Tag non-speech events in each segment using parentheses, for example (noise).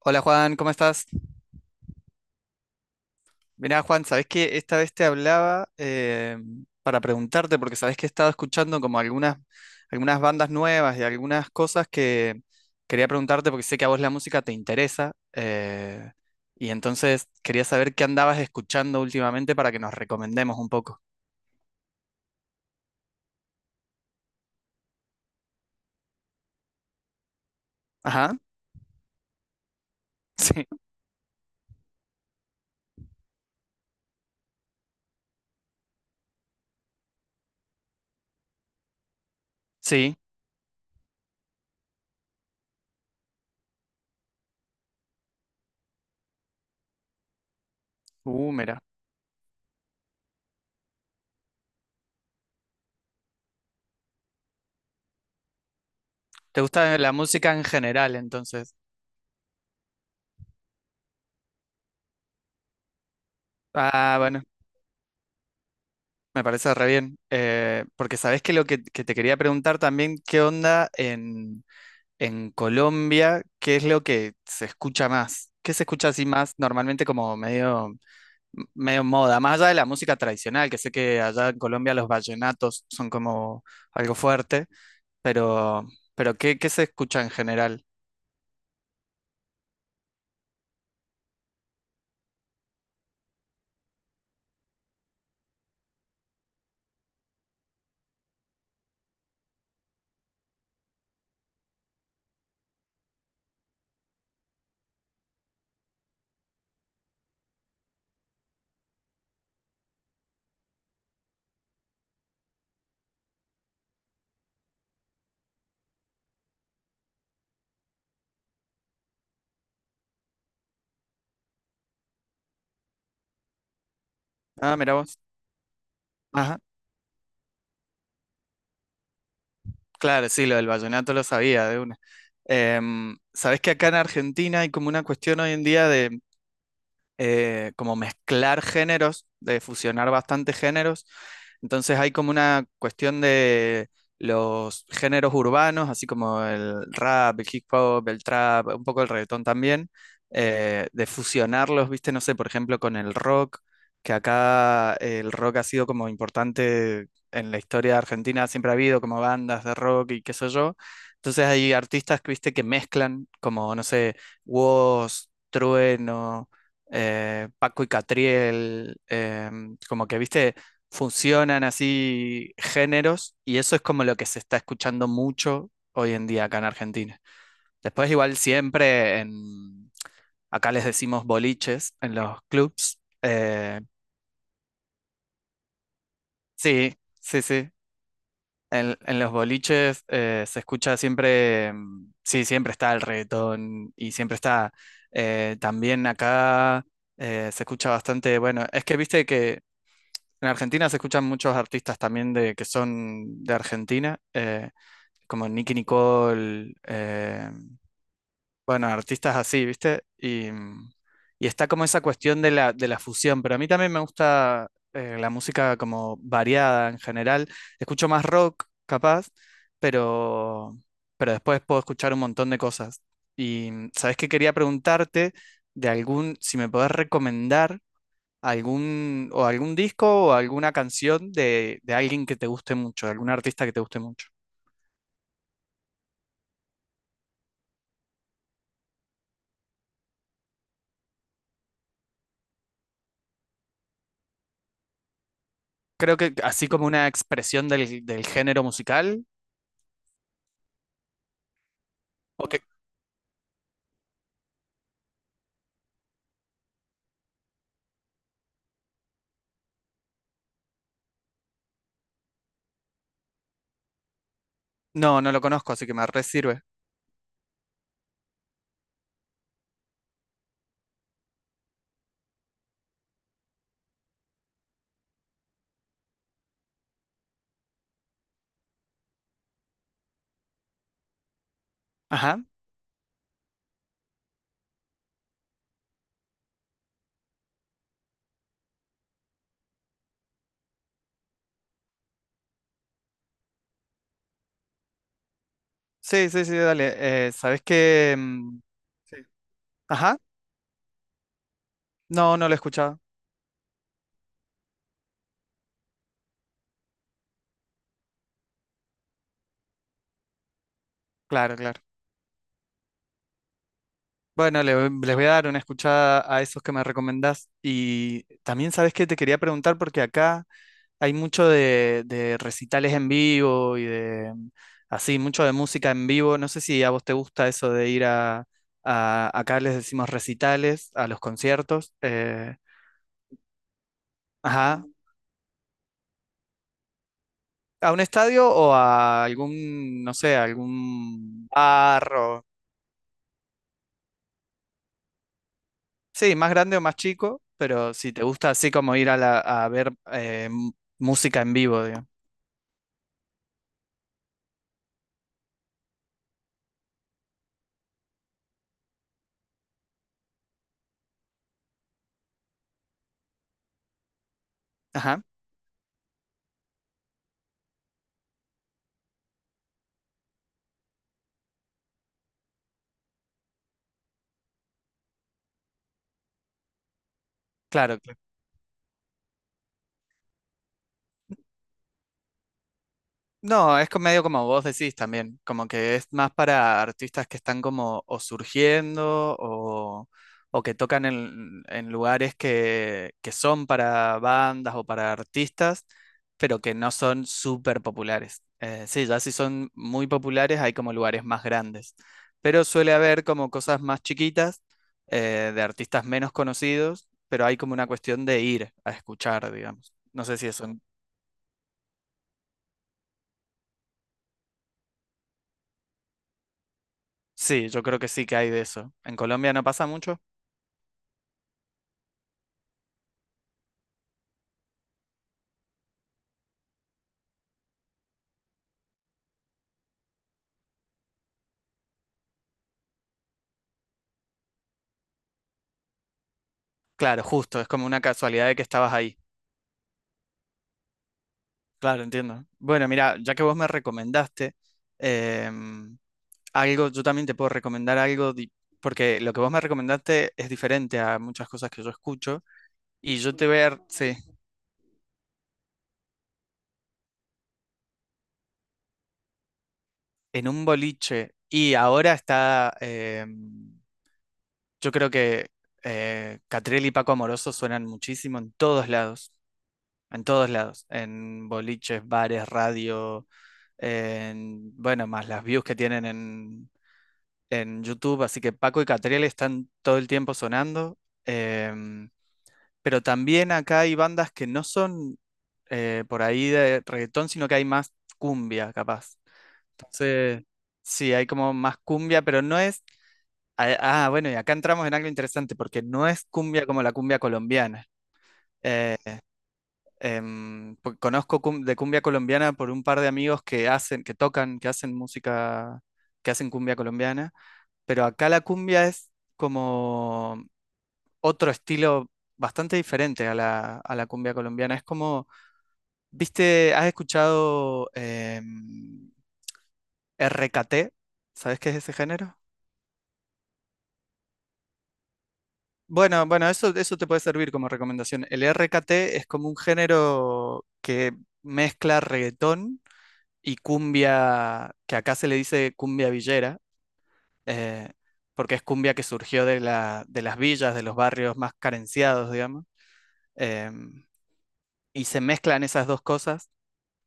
Hola Juan, ¿cómo estás? Mirá Juan, sabés que esta vez te hablaba para preguntarte, porque sabés que he estado escuchando como algunas bandas nuevas y algunas cosas que quería preguntarte porque sé que a vos la música te interesa y entonces quería saber qué andabas escuchando últimamente para que nos recomendemos un poco. Ajá, (laughs) sí, sí, mira. ¿Te gusta la música en general entonces? Ah, bueno. Me parece re bien, porque sabés que te quería preguntar también, ¿qué onda en Colombia? ¿Qué es lo que se escucha más? ¿Qué se escucha así más normalmente como medio moda? Más allá de la música tradicional, que sé que allá en Colombia los vallenatos son como algo fuerte, pero, ¿qué, qué se escucha en general? Ah, mira vos. Ajá, claro, sí, lo del vallenato lo sabía de una. Sabés que acá en Argentina hay como una cuestión hoy en día de como mezclar géneros, de fusionar bastantes géneros. Entonces hay como una cuestión de los géneros urbanos, así como el rap, el hip hop, el trap, un poco el reggaetón también, de fusionarlos, viste, no sé, por ejemplo, con el rock, que acá el rock ha sido como importante en la historia de Argentina, siempre ha habido como bandas de rock y qué sé yo. Entonces hay artistas, que, viste, que mezclan como, no sé, Woz, Trueno, Paco y Catriel, como que, viste, funcionan así géneros y eso es como lo que se está escuchando mucho hoy en día acá en Argentina. Después igual siempre acá les decimos boliches en los clubs. Sí, sí, sí. En los boliches se escucha siempre, mm, sí, siempre está el reggaetón y siempre está también acá se escucha bastante, bueno, es que viste que en Argentina se escuchan muchos artistas también que son de Argentina, como Nicky Nicole, bueno, artistas así, ¿viste? Y, mm, y está como esa cuestión de de la fusión, pero a mí también me gusta la música como variada en general. Escucho más rock, capaz, pero, pero después puedo escuchar un montón de cosas. Y mm, sabes que quería preguntarte de algún, si me podés recomendar algún, o algún disco o alguna canción de alguien que te guste mucho, de algún artista que te guste mucho. Creo que así como una expresión del género musical. O que- No, no lo conozco, así que me re sirve. Ajá. Sí, sí, sí, dale. ¿Sabés qué? Mm, sí. Ajá. No, no lo he escuchado. Claro, claro. Bueno, le- les voy a dar una escuchada a esos que me recomendás. Y también sabes que te quería preguntar porque acá hay mucho de recitales en vivo y de mm, así, mucho de música en vivo. No sé si a vos te gusta eso de ir a- acá les decimos recitales, a los conciertos. Ajá. ¿A un estadio o a algún, no sé, algún bar o- sí, más grande o más chico, pero si te gusta así como ir a, la- a ver música en vivo, digamos. Ajá, claro, claro. No, es co- medio como vos decís también, como que es más para artistas que están como o surgiendo o que tocan en lugares que son para bandas o para artistas, pero que no son súper populares. Sí, ya si son muy populares hay como lugares más grandes, pero suele haber como cosas más chiquitas de artistas menos conocidos, pero hay como una cuestión de ir a escuchar, digamos. No sé si eso sí, yo creo que sí que hay de eso. ¿En Colombia no pasa mucho? Claro, justo, es como una casualidad de que estabas ahí. Claro, entiendo. Bueno, mira, ya que vos me recomendaste em, algo, yo también te puedo recomendar algo, di- porque lo que vos me recomendaste es diferente a muchas cosas que yo escucho. Y yo te voy a, sí, en un boliche. Y ahora está, em, yo creo que Catriel y Paco Amoroso suenan muchísimo en todos lados, en todos lados, en boliches, bares, radio en- bueno, más las views que tienen en YouTube, así que Paco y Catriel están todo el tiempo sonando, em, pero también acá hay bandas que no son por ahí de reggaetón, sino que hay más cumbia, capaz. Entonces, sí, hay como más cumbia, pero no es... Ah, ah, bueno, y acá entramos en algo interesante, porque no es cumbia como la cumbia colombiana. Em, po- conozco cum- de cumbia colombiana por un par de amigos que hacen, que tocan, que hacen música, que hacen cumbia colombiana, pero acá la cumbia es como otro estilo bastante diferente a a la cumbia colombiana. Es como, ¿viste? ¿Has escuchado RKT? ¿Sabes qué es ese género? Bueno, bueno, eso te puede servir como recomendación. El RKT es como un género que mezcla reggaetón y cumbia, que acá se le dice cumbia villera, eh, porque es cumbia que surgió de de las villas, de los barrios más carenciados, digamos, eh, y se mezclan esas dos cosas.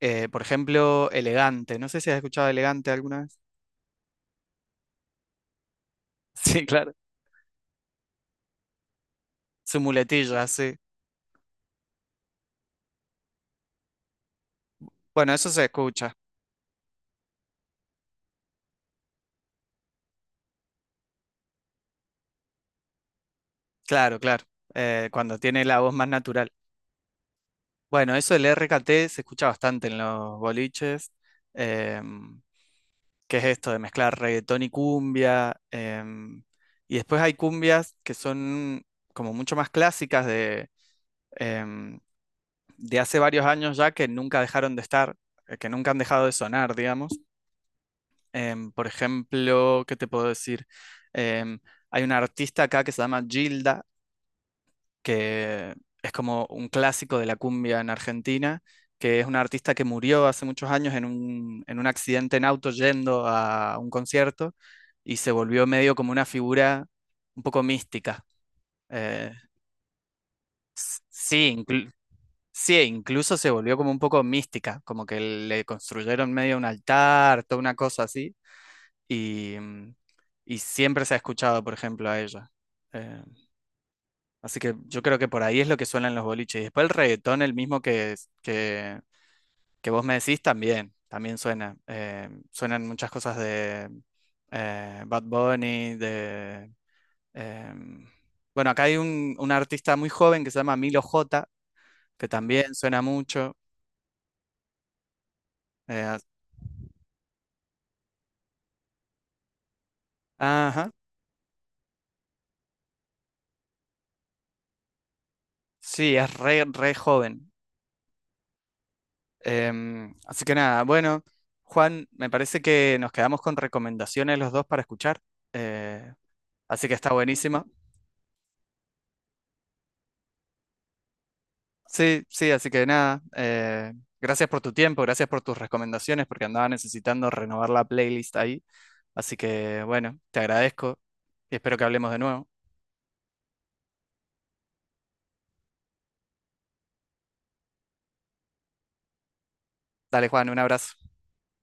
Por ejemplo, Elegante, no sé si has escuchado Elegante alguna vez. (laughs) Sí, claro. Su muletilla, sí. Bueno, eso se escucha, claro, claro, cuando tiene la voz más natural. Bueno, eso del RKT se escucha bastante en los boliches. eh, que es esto de mezclar reggaetón y cumbia. Y después hay cumbias que son como mucho más clásicas de, em, de hace varios años ya que nunca dejaron de estar, que nunca han dejado de sonar, digamos. Por ejemplo, ¿qué te puedo decir? Em, Hay una artista acá que se llama Gilda, que es como un clásico de la cumbia en Argentina, que es una artista que murió hace muchos años en un accidente en auto yendo a un concierto y se volvió medio como una figura un poco mística. Eh, sí, inclu- sí, e incluso se volvió como un poco mística, como que le construyeron medio un altar, toda una cosa así, y, mm, y siempre se ha escuchado, por ejemplo, a ella. Eh, Así que yo creo que por ahí es lo que suenan los boliches. Y después el reggaetón, el mismo que, que vos me decís, también, también suena. Suenan muchas cosas de Bad Bunny, de... em, bueno, acá hay un artista muy joven que se llama Milo J, que también suena mucho. Eh, ajá, sí, es re, re joven. Así que nada, bueno, Juan, me parece que nos quedamos con recomendaciones los dos para escuchar. eh, Así que está buenísimo. Sí, sí, así que nada, gracias por tu tiempo, gracias por tus recomendaciones, porque andaba necesitando renovar la playlist ahí. Así que bueno, te agradezco y espero que hablemos de nuevo. Dale, Juan, un abrazo.